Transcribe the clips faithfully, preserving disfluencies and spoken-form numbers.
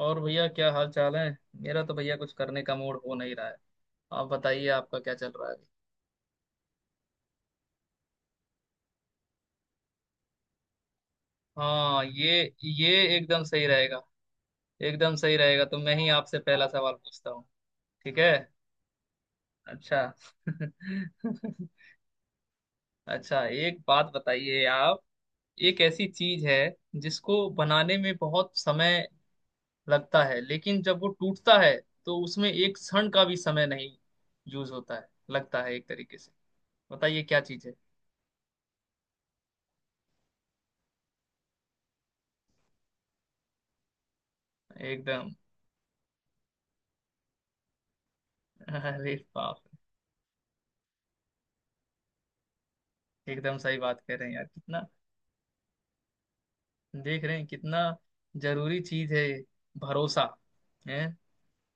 और भैया क्या हाल चाल है। मेरा तो भैया कुछ करने का मूड हो नहीं रहा है। आप बताइए आपका क्या चल रहा है। हाँ ये ये एकदम सही रहेगा। एकदम सही रहेगा, तो मैं ही आपसे पहला सवाल पूछता हूँ। ठीक है। अच्छा। अच्छा, एक बात बताइए आप। एक ऐसी चीज है जिसको बनाने में बहुत समय लगता है, लेकिन जब वो टूटता है तो उसमें एक क्षण का भी समय नहीं यूज होता है, लगता है एक तरीके से। बताइए क्या चीज है। एकदम। अरे बाप। एकदम सही बात कह रहे हैं यार, कितना। देख रहे हैं कितना जरूरी चीज है ये, भरोसा है।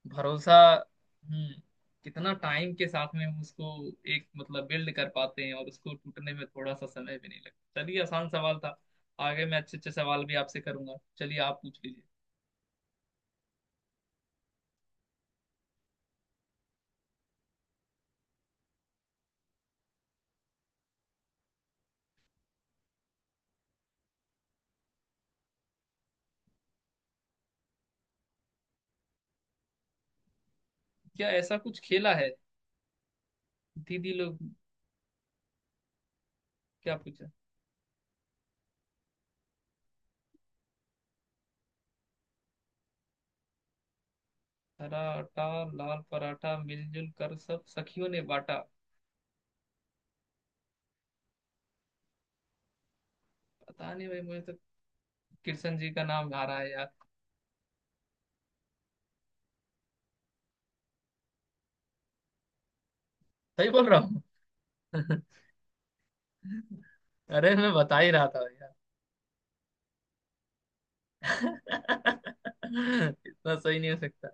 भरोसा। हम्म। कितना टाइम के साथ में हम उसको एक मतलब बिल्ड कर पाते हैं, और उसको टूटने में थोड़ा सा समय भी नहीं लगता। चलिए आसान सवाल था। आगे मैं अच्छे अच्छे सवाल भी आपसे करूंगा। चलिए आप पूछ लीजिए। क्या ऐसा कुछ खेला है दीदी लोग। क्या पूछा। हरा आटा लाल पराठा मिलजुल कर सब सखियों ने बांटा। पता नहीं भाई, मुझे तो कृष्ण जी का नाम आ रहा है यार। सही बोल रहा। अरे मैं बता ही रहा था भैया। इतना सही नहीं हो सकता।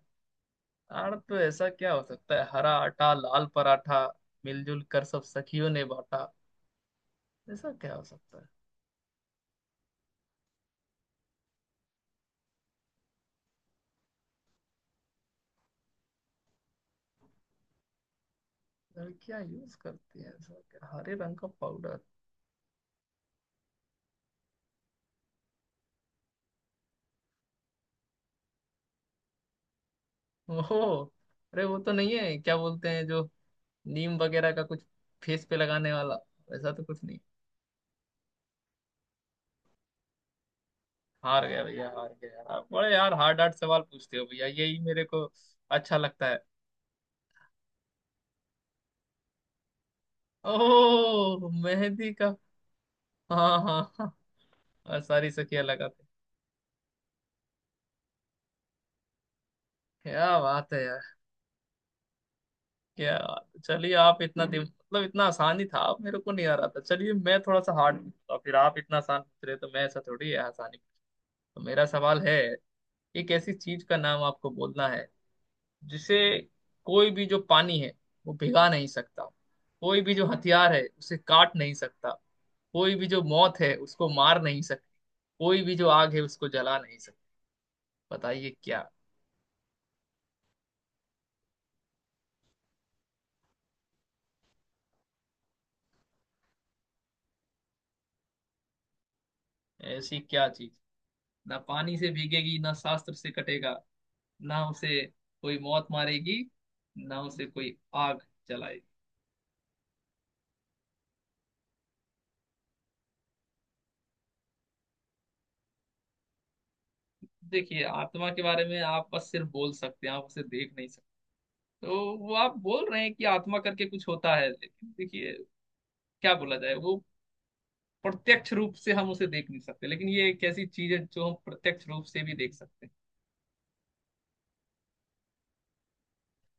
यार, तो ऐसा क्या हो सकता है। हरा आटा लाल पराठा मिलजुल कर सब सखियों ने बांटा। ऐसा क्या हो सकता है। लड़कियां यूज करती है ऐसा क्या हरे रंग का पाउडर। ओहो। अरे वो तो नहीं है, क्या बोलते हैं, जो नीम वगैरह का कुछ फेस पे लगाने वाला। ऐसा तो कुछ नहीं। हार गया भैया हार गया। आप बड़े यार हार्ड हार्ड सवाल पूछते हो भैया यही मेरे को। अच्छा लगता। ओह, मेहंदी का। हाँ हाँ हाँ। और सारी सखियां लगाते। क्या बात है यार। क्या बात है। चलिए आप इतना दिम मतलब इतना आसानी था, आप मेरे को नहीं आ रहा था। चलिए मैं थोड़ा सा हार्ड पूछता हूँ, तो फिर आप इतना आसान पूछ रहे हैं, तो मैं ऐसा थोड़ी है आसानी। तो मेरा सवाल है। एक ऐसी चीज का नाम आपको बोलना है जिसे कोई भी जो पानी है वो भिगा नहीं सकता। कोई भी जो हथियार है उसे काट नहीं सकता। कोई भी जो मौत है उसको मार नहीं सकती। कोई भी जो आग है उसको जला नहीं सकती। बताइए क्या। ऐसी क्या चीज। ना पानी से भीगेगी, ना शास्त्र से कटेगा, ना उसे कोई मौत मारेगी, ना उसे कोई आग जलाएगी। देखिए आत्मा के बारे में आप बस सिर्फ बोल सकते हैं, आप उसे देख नहीं सकते। तो वो आप बोल रहे हैं कि आत्मा करके कुछ होता है, लेकिन देखिए क्या बोला जाए वो। प्रत्यक्ष रूप से हम उसे देख नहीं सकते, लेकिन ये एक ऐसी चीज है जो हम प्रत्यक्ष रूप से भी देख सकते हैं।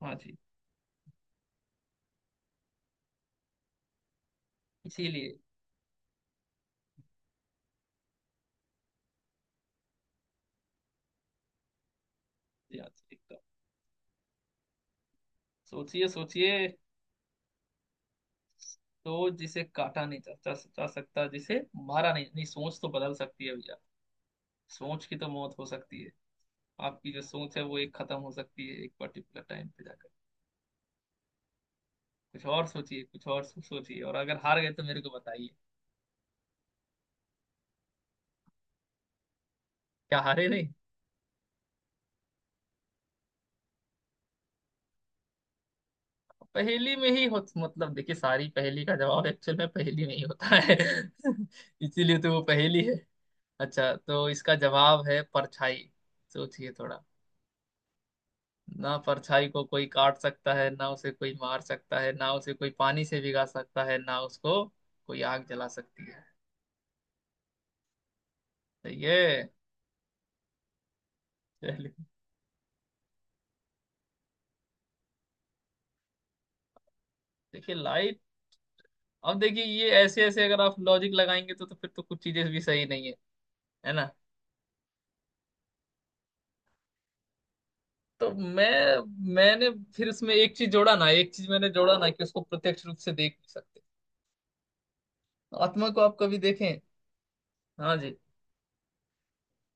हाँ जी। इसीलिए ये आज एक तो सोचिए सोचिए। तो जिसे काटा नहीं जा, जा, जा सकता, जिसे मारा नहीं नहीं, सोच तो बदल सकती है भैया। सोच की तो मौत हो सकती है। आपकी जो सोच है वो एक खत्म हो सकती है एक पर्टिकुलर टाइम पे जाकर। कुछ और सोचिए, कुछ और सो- सोचिए, और अगर हार गए तो मेरे को बताइए। क्या हारे नहीं। पहेली में ही हो मतलब, देखिए सारी पहेली का जवाब एक्चुअल में पहेली में ही होता है। इसीलिए तो वो पहेली है। अच्छा, तो इसका जवाब है परछाई। सोचिए थोड़ा। ना परछाई को कोई काट सकता है, ना उसे कोई मार सकता है, ना उसे कोई पानी से भिगा सकता है, ना उसको कोई आग जला सकती है। सही है। चलिए। देखिए लाइट, अब देखिए ये ऐसे ऐसे अगर आप लॉजिक लगाएंगे तो, तो फिर तो कुछ चीजें भी सही नहीं है। है ना। तो मैं मैंने फिर उसमें एक चीज जोड़ा ना, एक चीज मैंने जोड़ा ना, कि उसको प्रत्यक्ष रूप से देख नहीं सकते। आत्मा को आप कभी देखें। हाँ जी।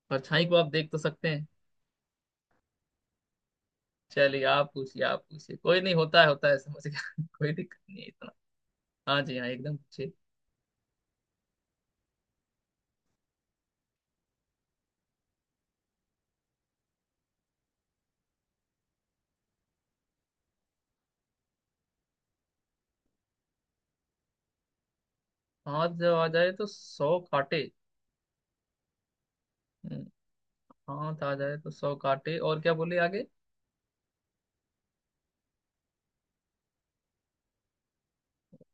परछाई को आप देख तो सकते हैं। चलिए आप पूछिए आप पूछिए, कोई नहीं होता है होता है, समझ गया। कोई दिक्कत नहीं है। हाँ जी हाँ, एकदम ठीक। हाथ जब आ जाए तो सौ काटे। हम्म। हाथ आ जाए तो सौ काटे, और क्या बोले आगे।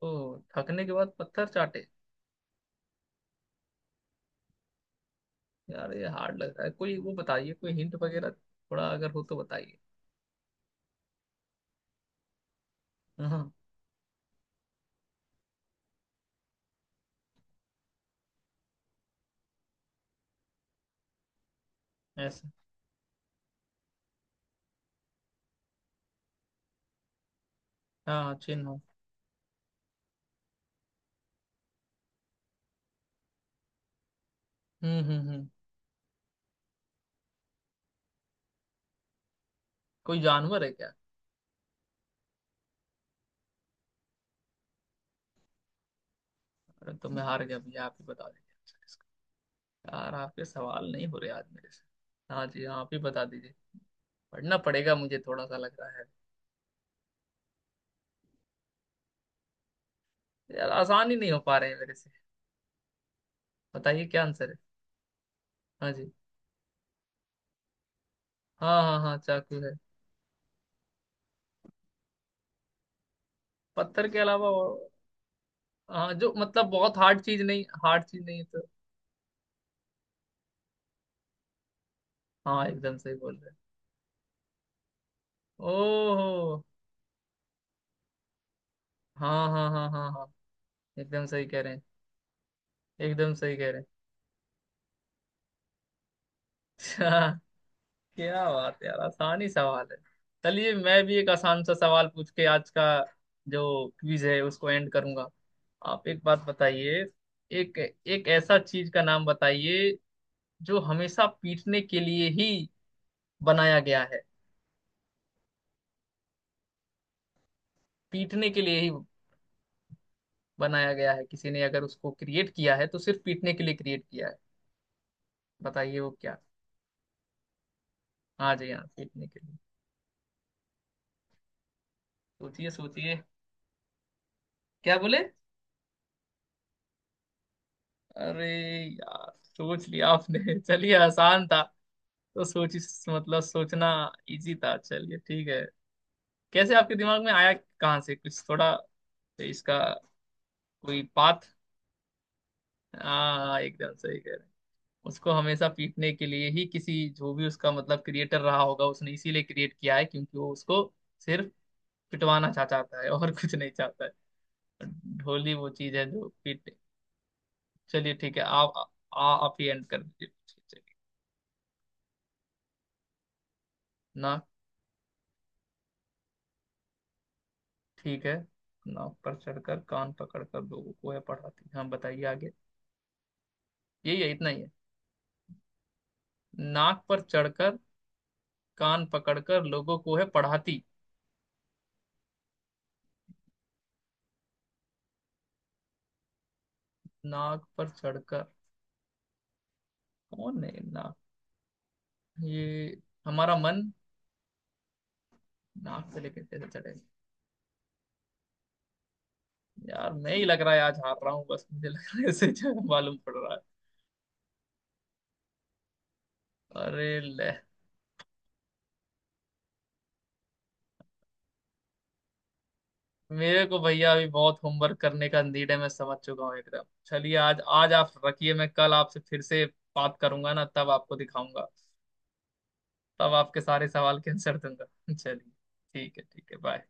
ओ, थकने के बाद पत्थर चाटे। यार ये हार्ड लग रहा है। कोई वो बताइए, कोई हिंट वगैरह थोड़ा अगर हो तो बताइए। हाँ ऐसा। हाँ चिन्ह हो। हम्म हम्म हम्म। कोई जानवर है क्या। अरे, तो मैं हार गया भैया, आप ही बता दीजिए आंसर इसका। यार आपके सवाल नहीं हो रहे आज मेरे से। हाँ जी हाँ, आप ही बता दीजिए। पढ़ना पड़ेगा मुझे थोड़ा सा लग रहा है। यार आसान ही नहीं हो पा रहे हैं मेरे से। बताइए क्या आंसर है। हाँ जी। हाँ हाँ हाँ, चाकू है। पत्थर के अलावा और। हाँ, जो मतलब बहुत हार्ड चीज नहीं, हार्ड चीज नहीं है तो। हाँ एकदम सही बोल रहे हैं। ओहो। हाँ हाँ हाँ हाँ हाँ, एकदम सही कह रहे हैं। एकदम सही कह रहे हैं। अच्छा, क्या बात है यार, आसानी सवाल है। चलिए मैं भी एक आसान सा सवाल पूछ के आज का जो क्विज है उसको एंड करूंगा। आप एक बात बताइए। एक एक ऐसा चीज का नाम बताइए जो हमेशा पीटने के लिए ही बनाया गया है। पीटने के लिए ही बनाया गया है, किसी ने अगर उसको क्रिएट किया है तो सिर्फ पीटने के लिए क्रिएट किया है। बताइए वो क्या। आ जाइए आप पीटने के लिए। सोचिए सोचिए। क्या बोले। अरे यार सोच लिया आपने। चलिए आसान था। तो सोच मतलब सोचना इजी था। चलिए ठीक है। कैसे आपके दिमाग में आया, कहाँ से कुछ थोड़ा, तो इसका कोई पाथ। हाँ एकदम सही कह रहे हैं। उसको हमेशा पीटने के लिए ही किसी, जो भी उसका मतलब क्रिएटर रहा होगा, उसने इसीलिए क्रिएट किया है क्योंकि वो उसको सिर्फ पिटवाना चा चाहता है और कुछ नहीं चाहता है। ढोली वो चीज है जो पीटे। चलिए ठीक है आप। आ, आप ही एंड कर दीजिए। चलिए। ना ठीक है। नाक पर चढ़कर कान पकड़कर लोगों को है पढ़ाती। हाँ बताइए आगे। यही है, इतना ही है। नाक पर चढ़कर कान पकड़कर लोगों को है पढ़ाती। नाक पर चढ़कर। कौन है नाक। ये हमारा मन। नाक से लेकर कैसे चढ़ेगा। यार मैं ही लग रहा है आज हार रहा हूँ बस, मुझे लग रहा है ऐसे ही। मालूम पड़ रहा है। अरे ले। मेरे को भैया अभी बहुत होमवर्क करने का नीड है, मैं समझ चुका हूँ एकदम। चलिए आज आज आप रखिए, मैं कल आपसे फिर से बात करूंगा ना, तब आपको दिखाऊंगा। तब आपके सारे सवाल के आंसर दूंगा। चलिए ठीक है ठीक है, बाय।